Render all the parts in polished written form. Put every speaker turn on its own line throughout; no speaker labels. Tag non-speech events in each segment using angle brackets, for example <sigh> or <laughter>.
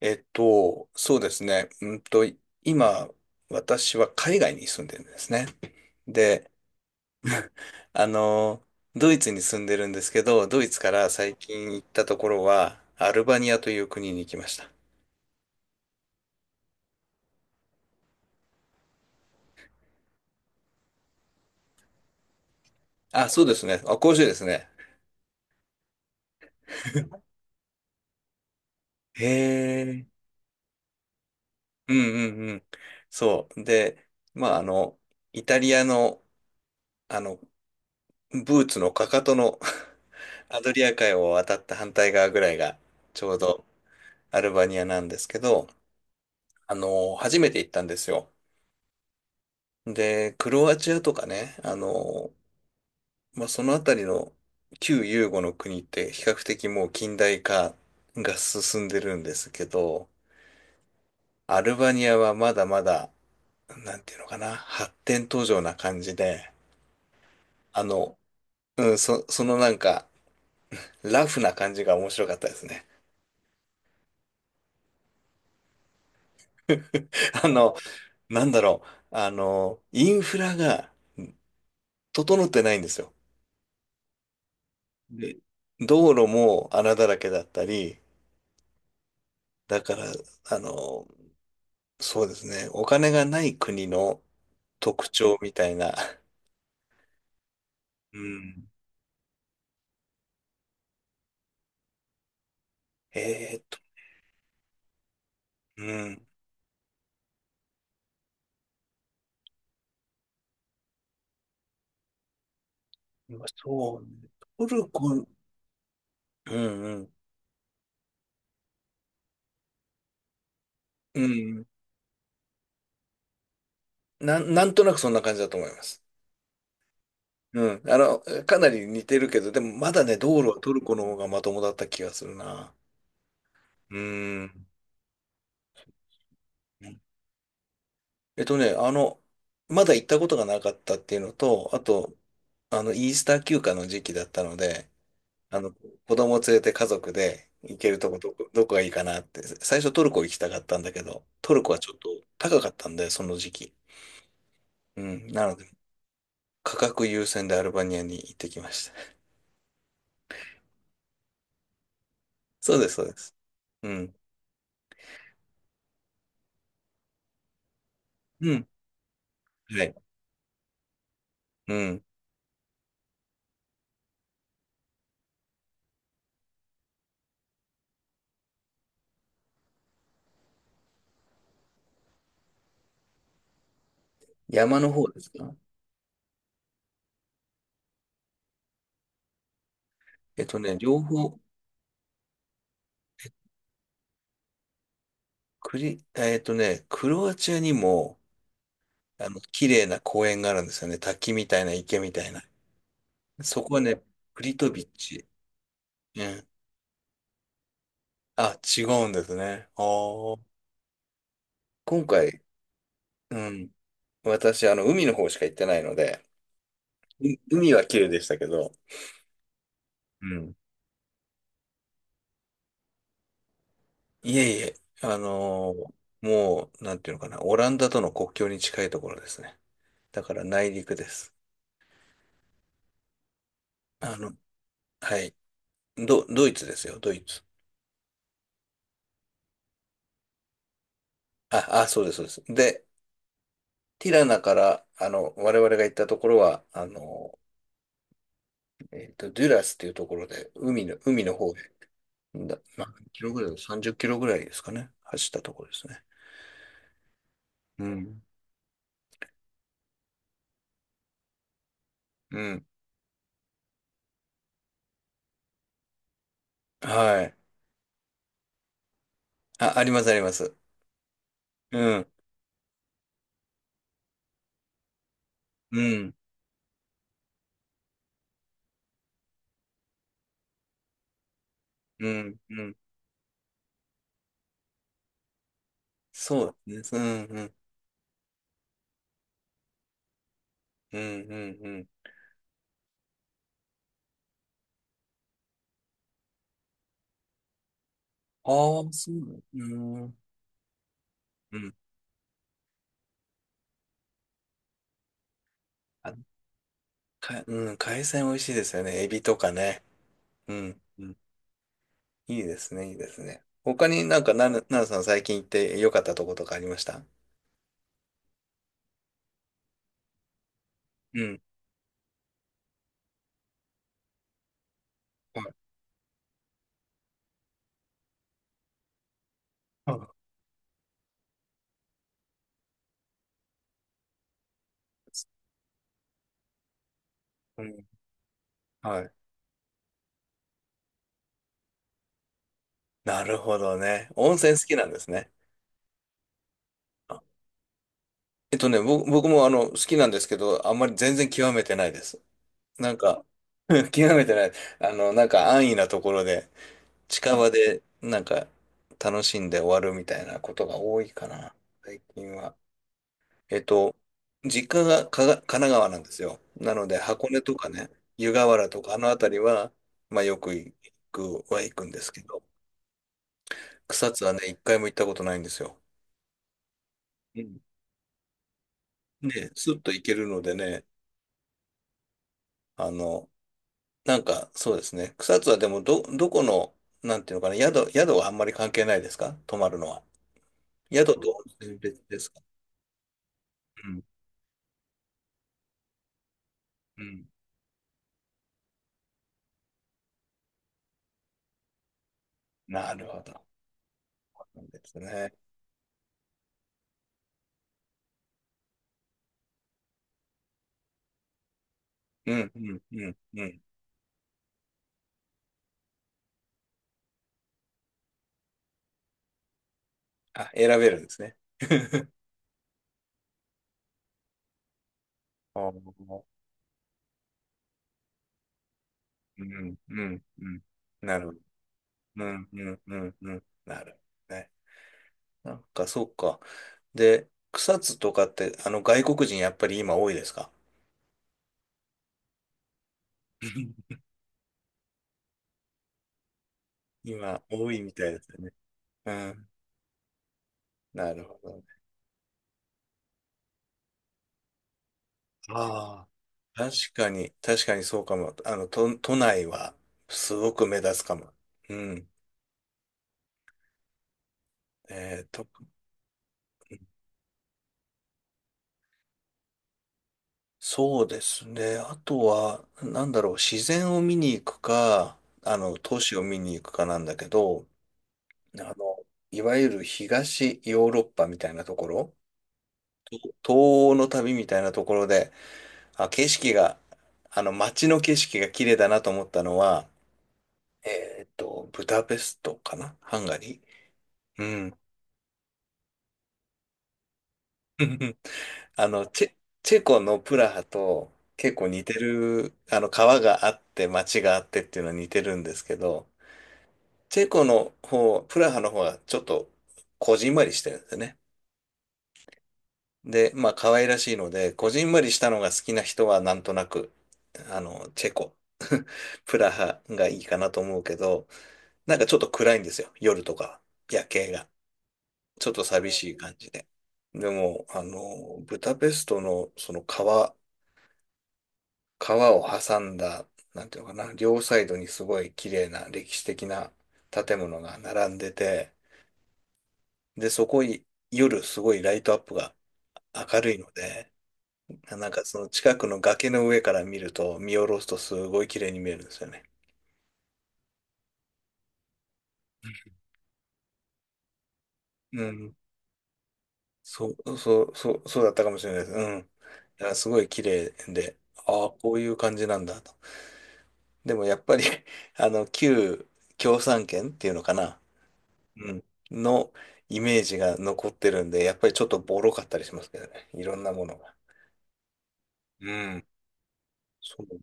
そうですね。今、私は海外に住んでるんですね。で、あの、ドイツに住んでるんですけど、ドイツから最近行ったところは、アルバニアという国に行きました。あ、そうですね。あ、してですね。へえ。うんうんうん。そう。で、まあ、イタリアの、あの、ブーツのかかとの <laughs> アドリア海を渡った反対側ぐらいが、ちょうどアルバニアなんですけど、初めて行ったんですよ。で、クロアチアとかね、まあ、そのあたりの旧ユーゴの国って比較的もう近代化が進んでるんですけど、アルバニアはまだまだ、なんていうのかな、発展途上な感じで、あの、うん、そのなんか、ラフな感じが面白かったですね。<laughs> あの、なんだろう、インフラが整ってないんですよ。で、道路も穴だらけだったり、だから、あの、そうですね。お金がない国の特徴みたいな。うん。えーっと、うん。そうね。トルコ、うんうん。うん。なんとなくそんな感じだと思います。うん。かなり似てるけど、でもまだね、道路はトルコの方がまともだった気がするな。うん。えっとね、あの、まだ行ったことがなかったっていうのと、あと、イースター休暇の時期だったので、あの、子供連れて家族で行けるとこどこがいいかなって、最初トルコ行きたかったんだけど、トルコはちょっと高かったんで、その時期。うん。なので、価格優先でアルバニアに行ってきました。<laughs> そうです、そうです。うん。うん。はい。うん。山の方ですか？両方、クロアチアにも、綺麗な公園があるんですよね。滝みたいな池みたいな。そこはね、プリトビッチ。うん。あ、違うんですね。ああ。今回、うん。私、海の方しか行ってないので、海は綺麗でしたけど、うん。いえいえ、あのーもう、なんていうのかな、オランダとの国境に近いところですね。だから内陸です。あの、はい。ドイツですよ、ドイツ。あ、そうです、そうです。で、ティラナから、我々が行ったところは、デュラスっていうところで、海の方へ、まあ、キロぐらい、30キロぐらいですかね、走ったところですね。うん。うん。はい。あ、ありますあります。うん、うん、うん、うん。そうですね。うん、うん、うん、うん。うん。ああ、そうだね。うん、うん。あ、うん、海鮮美味しいですよね。エビとかね。うん、うん。いいですね、いいですね。他になんか、なるさん最近行って良かったとことかありました？うん。はい、あ、うん。はい。なるほどね。温泉好きなんですね。あ、僕も好きなんですけど、あんまり全然極めてないです。なんか、<laughs> 極めてない。なんか安易なところで、近場で、なんか、楽しんで終わるみたいなことが多いかな、最近は。えっと、実家が神奈川なんですよ。なので、箱根とかね、湯河原とか、あの辺りは、まあ、よく行くは行くんですけど、草津はね、一回も行ったことないんですよ。うんね、スッと行けるのでね、あの、なんか、そうですね。草津はでも、どこの、なんていうのかな、宿はあんまり関係ないですか？泊まるのは。宿と温泉別ですか？うんうん。なるほど。そうなんですね。うん、うん、うん、うん。あ、選べるんですね。<laughs> おーうん、うん、うん。なるほど。うん、うん、うん、うん。なるほどね。なんか、そうか。で、草津とかって、外国人やっぱり今多いですか？ <laughs> 今、多いみたいですね。うん。なるほどね。ああ。確かに、確かにそうかも。都内は、すごく目立つかも。うん。えーと、そうですね。あとは、なんだろう、自然を見に行くか、都市を見に行くかなんだけど、あの、いわゆる東ヨーロッパみたいなところ、東欧の旅みたいなところで、あ、景色が、あの、街の景色が綺麗だなと思ったのは、ブダペストかな？ハンガリー。うん。<laughs> あの、チェ、チェコのプラハと結構似てる、川があって街があってっていうのは似てるんですけど、チェコの方、プラハの方はちょっとこじんまりしてるんですよね。で、まあ可愛らしいので、こじんまりしたのが好きな人はなんとなく、チェコ、<laughs> プラハがいいかなと思うけど、なんかちょっと暗いんですよ、夜とかは、夜景が。ちょっと寂しい感じで。でも、ブダペストのその川を挟んだ、なんていうのかな、両サイドにすごい綺麗な歴史的な建物が並んでて、で、そこい夜すごいライトアップが明るいので、なんかその近くの崖の上から見ると、見下ろすとすごい綺麗に見えるんですよね。うん。そう、そう、そう、そうだったかもしれないです。うん。だからすごい綺麗で、ああ、こういう感じなんだと。でもやっぱり <laughs> 旧共産圏っていうのかな。うん。のイメージが残ってるんで、やっぱりちょっとボロかったりしますけどね。いろんなものが。うん。そう。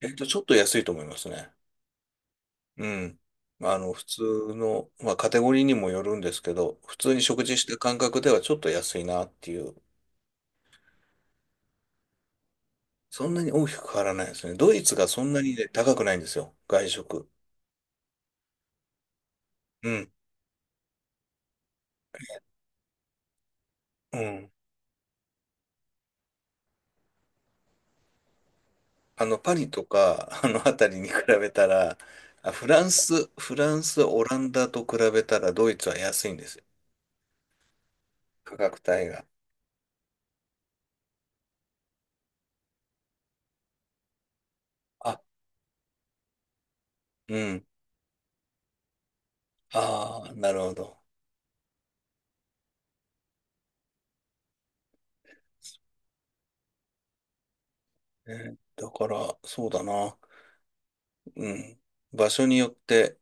ちょっと安いと思いますね。うん。普通の、まあ、カテゴリーにもよるんですけど、普通に食事した感覚ではちょっと安いなっていう。そんなに大きく変わらないですね。ドイツがそんなにね、高くないんですよ。外食。うん。うん。パリとか、あの辺りに比べたら、あ、フランス、オランダと比べたらドイツは安いんですよ、価格帯が。あ、うん。ああ、なるほど。だから、そうだな。うん。場所によって、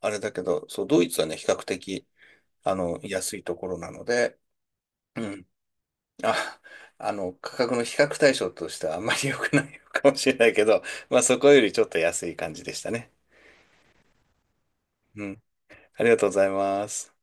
あれだけど、そう、ドイツはね、比較的、安いところなので、うん。あ、価格の比較対象としてはあんまり良くないかもしれないけど、まあ、そこよりちょっと安い感じでしたね。うん。ありがとうございます。